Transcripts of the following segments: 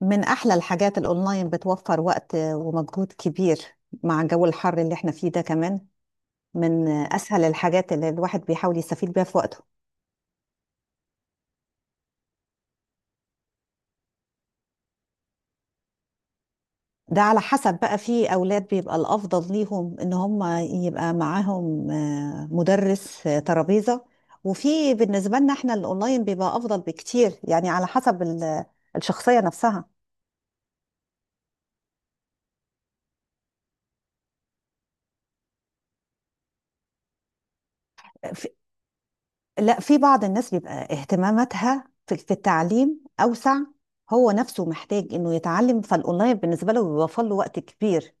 من احلى الحاجات الاونلاين بتوفر وقت ومجهود كبير مع جو الحر اللي احنا فيه ده كمان. من اسهل الحاجات اللي الواحد بيحاول يستفيد بيها في وقته. ده على حسب بقى، في اولاد بيبقى الافضل ليهم ان هم يبقى معاهم مدرس، ترابيزة. وفي بالنسبة لنا احنا الاونلاين بيبقى افضل بكتير، يعني على حسب الشخصية نفسها. لا، في بعض الناس بيبقى اهتماماتها في التعليم أوسع. هو نفسه محتاج إنه يتعلم، فالأونلاين بالنسبة له بيوفر له وقت كبير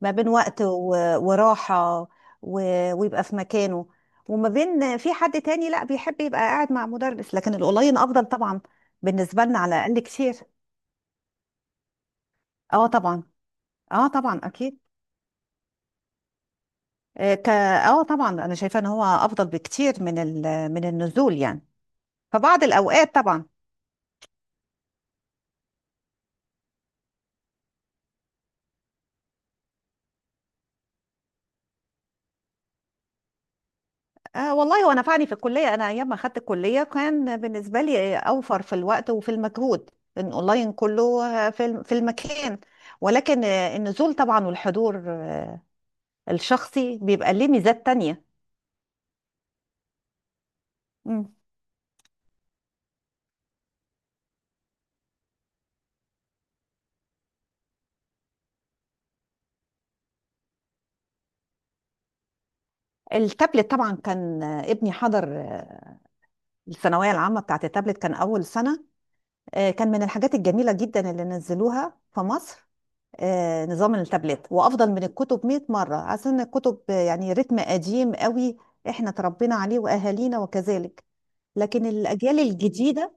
ما بين وقت وراحة ويبقى في مكانه، وما بين في حد تاني لا بيحب يبقى قاعد مع مدرس، لكن الأونلاين أفضل طبعا بالنسبة لنا على الأقل كتير. اه طبعا. اه طبعا أكيد. آه، ك اه طبعا أنا شايفة إن هو أفضل بكتير من النزول يعني. فبعض الأوقات طبعا. آه والله هو نفعني في الكلية، أنا أيام ما أخدت الكلية كان بالنسبة لي أوفر في الوقت وفي المجهود، لأن أونلاين كله في في المكان، ولكن النزول طبعا والحضور الشخصي بيبقى ليه ميزات تانية. مم. التابلت طبعا كان، ابني حضر الثانوية العامة بتاعت التابلت، كان أول سنة. كان من الحاجات الجميلة جدا اللي نزلوها في مصر، نظام التابلت، وافضل من الكتب 100 مره، عشان الكتب يعني رتم قديم قوي، احنا تربينا عليه واهالينا وكذلك، لكن الاجيال الجديده.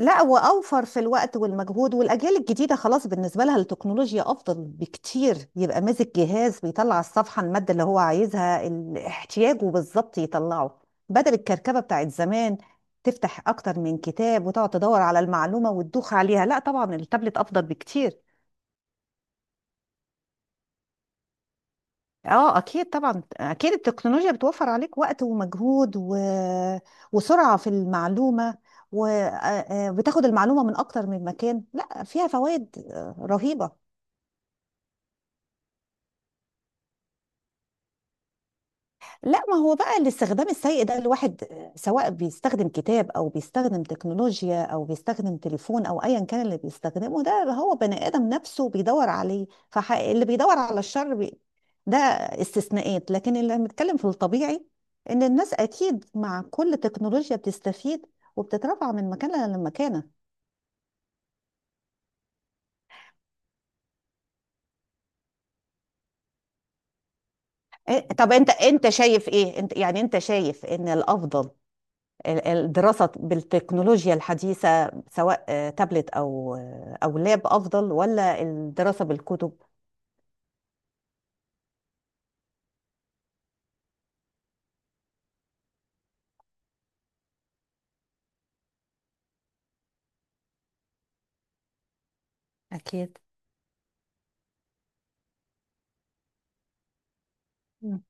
لا، واوفر في الوقت والمجهود، والاجيال الجديده خلاص بالنسبه لها التكنولوجيا افضل بكتير، يبقى ماسك جهاز بيطلع على الصفحه، الماده اللي هو عايزها احتياجه بالظبط يطلعه، بدل الكركبه بتاعت زمان تفتح اكتر من كتاب وتقعد تدور على المعلومه وتدوخ عليها. لا طبعا التابلت افضل بكتير. اه اكيد طبعا، اكيد التكنولوجيا بتوفر عليك وقت ومجهود وسرعة في المعلومة، وبتاخد المعلومة من اكتر من مكان، لا فيها فوائد رهيبة. لا، ما هو بقى الاستخدام السيء ده، الواحد سواء بيستخدم كتاب او بيستخدم تكنولوجيا او بيستخدم تليفون او ايا كان اللي بيستخدمه، ده اللي هو بني ادم نفسه بيدور عليه، فاللي بيدور على الشر ده استثناءات، لكن اللي بنتكلم في الطبيعي ان الناس اكيد مع كل تكنولوجيا بتستفيد، وبتترفع من مكانها لمكانها. إيه، طب انت شايف ايه، انت يعني انت شايف ان الافضل الدراسة بالتكنولوجيا الحديثة سواء تابلت أو لاب أفضل، ولا الدراسة بالكتب؟ أكيد. مم.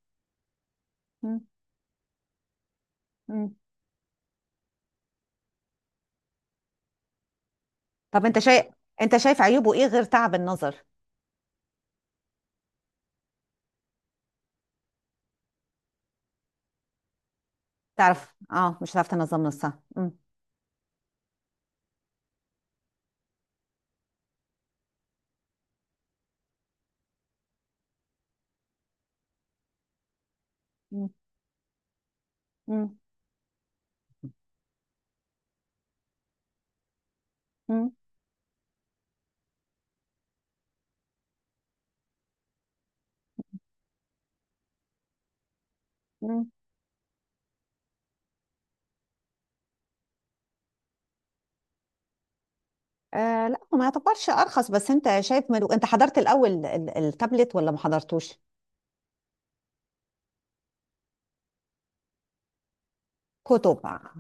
مم. مم. طب أنت شايف عيوبه إيه غير تعب النظر؟ تعرف أه مش هتعرف تنظم نصها. مم. مم. مم. مم. مم. آه لا هو ما يعتبرش أرخص، بس أنت شايف أنت حضرت الأول التابلت ولا ما حضرتوش؟ كتب آه.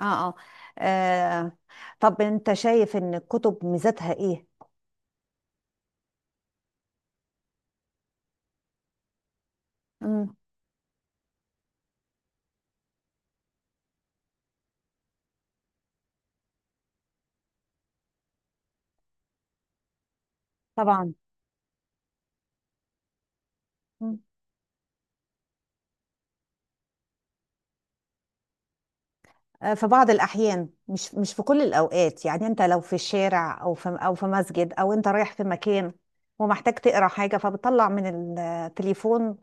آه, آه. طب أنت شايف إن الكتب ميزتها إيه؟ مم. طبعا. مم. في بعض الأحيان، مش في كل الأوقات، يعني أنت لو في الشارع أو في مسجد أو أنت رايح في مكان ومحتاج تقرأ حاجة، فبتطلع من التليفون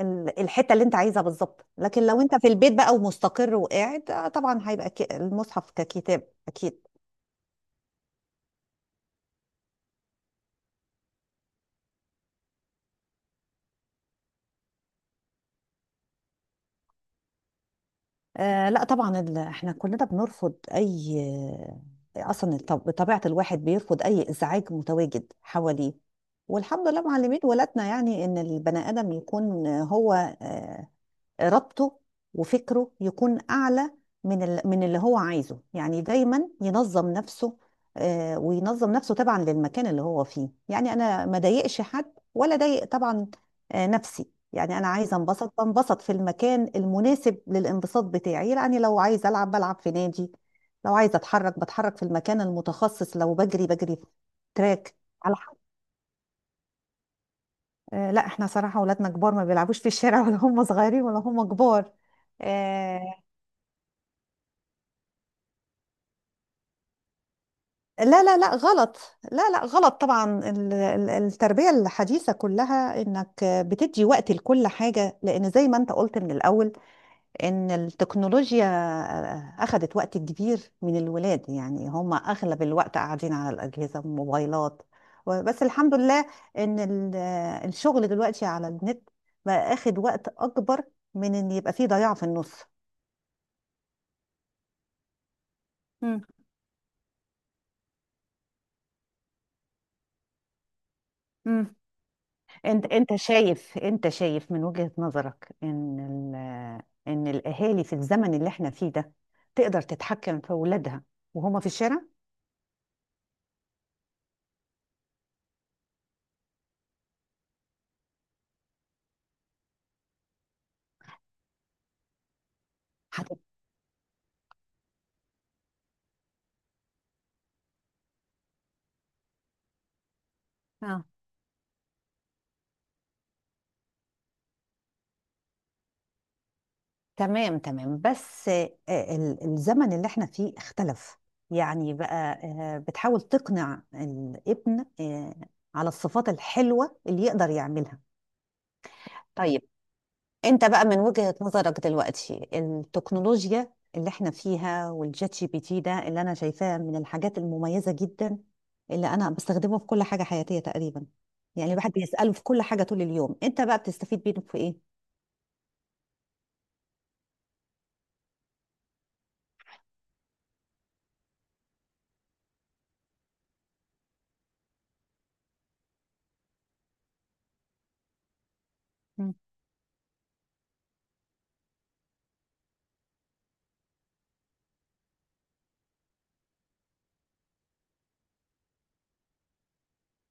الحتة اللي أنت عايزها بالظبط، لكن لو أنت في البيت بقى ومستقر وقاعد، طبعا هيبقى المصحف ككتاب أكيد. آه لا طبعا، احنا كلنا بنرفض اي، اصلا بطبيعه الواحد بيرفض اي ازعاج متواجد حواليه، والحمد لله معلمين ولادنا، يعني ان البني ادم يكون هو آه، ربطه وفكره يكون أعلى من اللي هو عايزه، يعني دايما ينظم نفسه، وينظم نفسه طبعا للمكان اللي هو فيه، يعني أنا ما ضايقش حد ولا ضايق طبعا نفسي، يعني أنا عايزة أنبسط بنبسط في المكان المناسب للانبساط بتاعي، يعني لو عايزة ألعب بلعب في نادي، لو عايزة أتحرك بتحرك في المكان المتخصص، لو بجري بجري في تراك. على حق. لا احنا صراحة ولادنا كبار، ما بيلعبوش في الشارع، ولا هم صغيرين ولا هم كبار. آه، لا لا لا غلط. لا لا غلط طبعا، التربية الحديثة كلها انك بتدي وقت لكل حاجة، لان زي ما انت قلت من الاول ان التكنولوجيا اخذت وقت كبير من الولاد، يعني هم اغلب الوقت قاعدين على الاجهزة والموبايلات، بس الحمد لله ان الشغل دلوقتي على النت بقى اخد وقت اكبر من ان يبقى فيه ضياع في النص. مم. انت شايف، انت شايف من وجهة نظرك ان ال- ان الاهالي في الزمن اللي احنا فيه ده تقدر تتحكم في اولادها وهما في الشارع. هت... اه تمام تمام، بس الزمن اللي احنا فيه اختلف، يعني بقى بتحاول تقنع الابن على الصفات الحلوة اللي يقدر يعملها. طيب، انت بقى من وجهة نظرك دلوقتي التكنولوجيا اللي احنا فيها، والشات جي بي تي ده اللي انا شايفاه من الحاجات المميزة جدا، اللي انا بستخدمه في كل حاجة حياتية تقريبا، يعني الواحد بيسأله في كل حاجة طول اليوم، انت بقى بتستفيد منه في ايه؟ مم.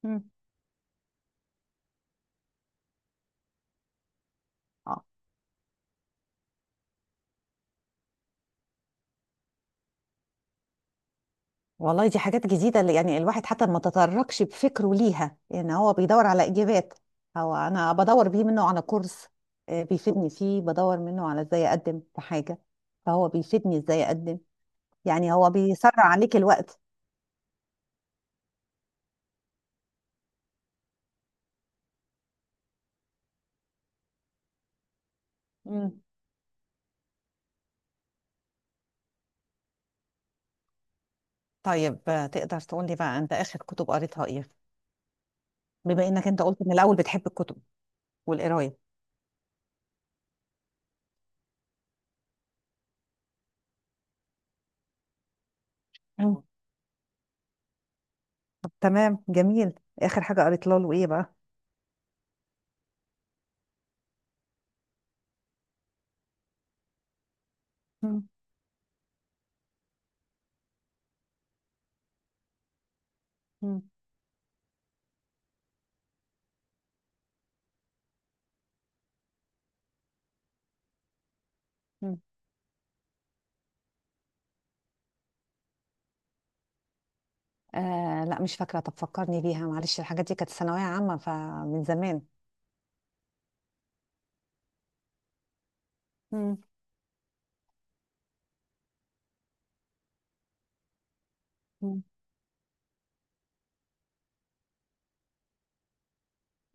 مم. اه والله دي حاجات جديدة، اللي يعني الواحد حتى ما تطرقش بفكره ليها، يعني هو بيدور على إجابات، هو أنا بدور بيه منه على كورس بيفيدني فيه، بدور منه على إزاي أقدم في حاجة، فهو بيفيدني إزاي أقدم، يعني هو بيسرع عليك الوقت. مم. طيب، تقدر تقول لي بقى، انت اخر كتب قريتها ايه، بما انك انت قلت من الاول بتحب الكتب والقرايه. مم. طب تمام جميل. اخر حاجه قريت له ايه بقى؟ مم. مم. مم. آه لا مش فاكرة، طب فكرني بيها معلش، الحاجات دي كانت ثانوية عامة فمن زمان. مم. مم.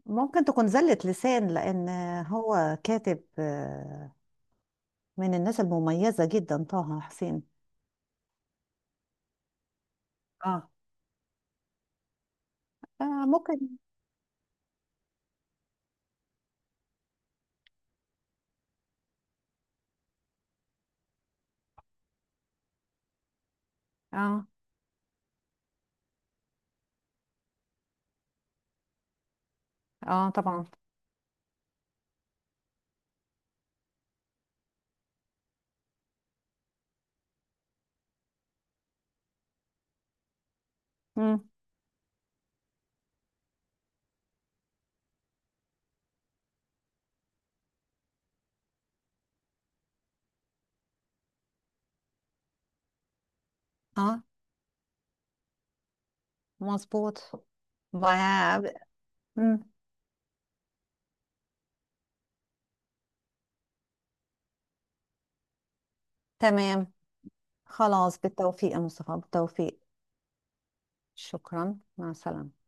ممكن تكون زلة لسان، لأن هو كاتب من الناس المميزة جدا طه حسين. اه فممكن. اه. اه طبعا. مم. اه مظبوط. وع- مم. تمام. خلاص بالتوفيق يا مصطفى، بالتوفيق. شكرا، مع السلامة.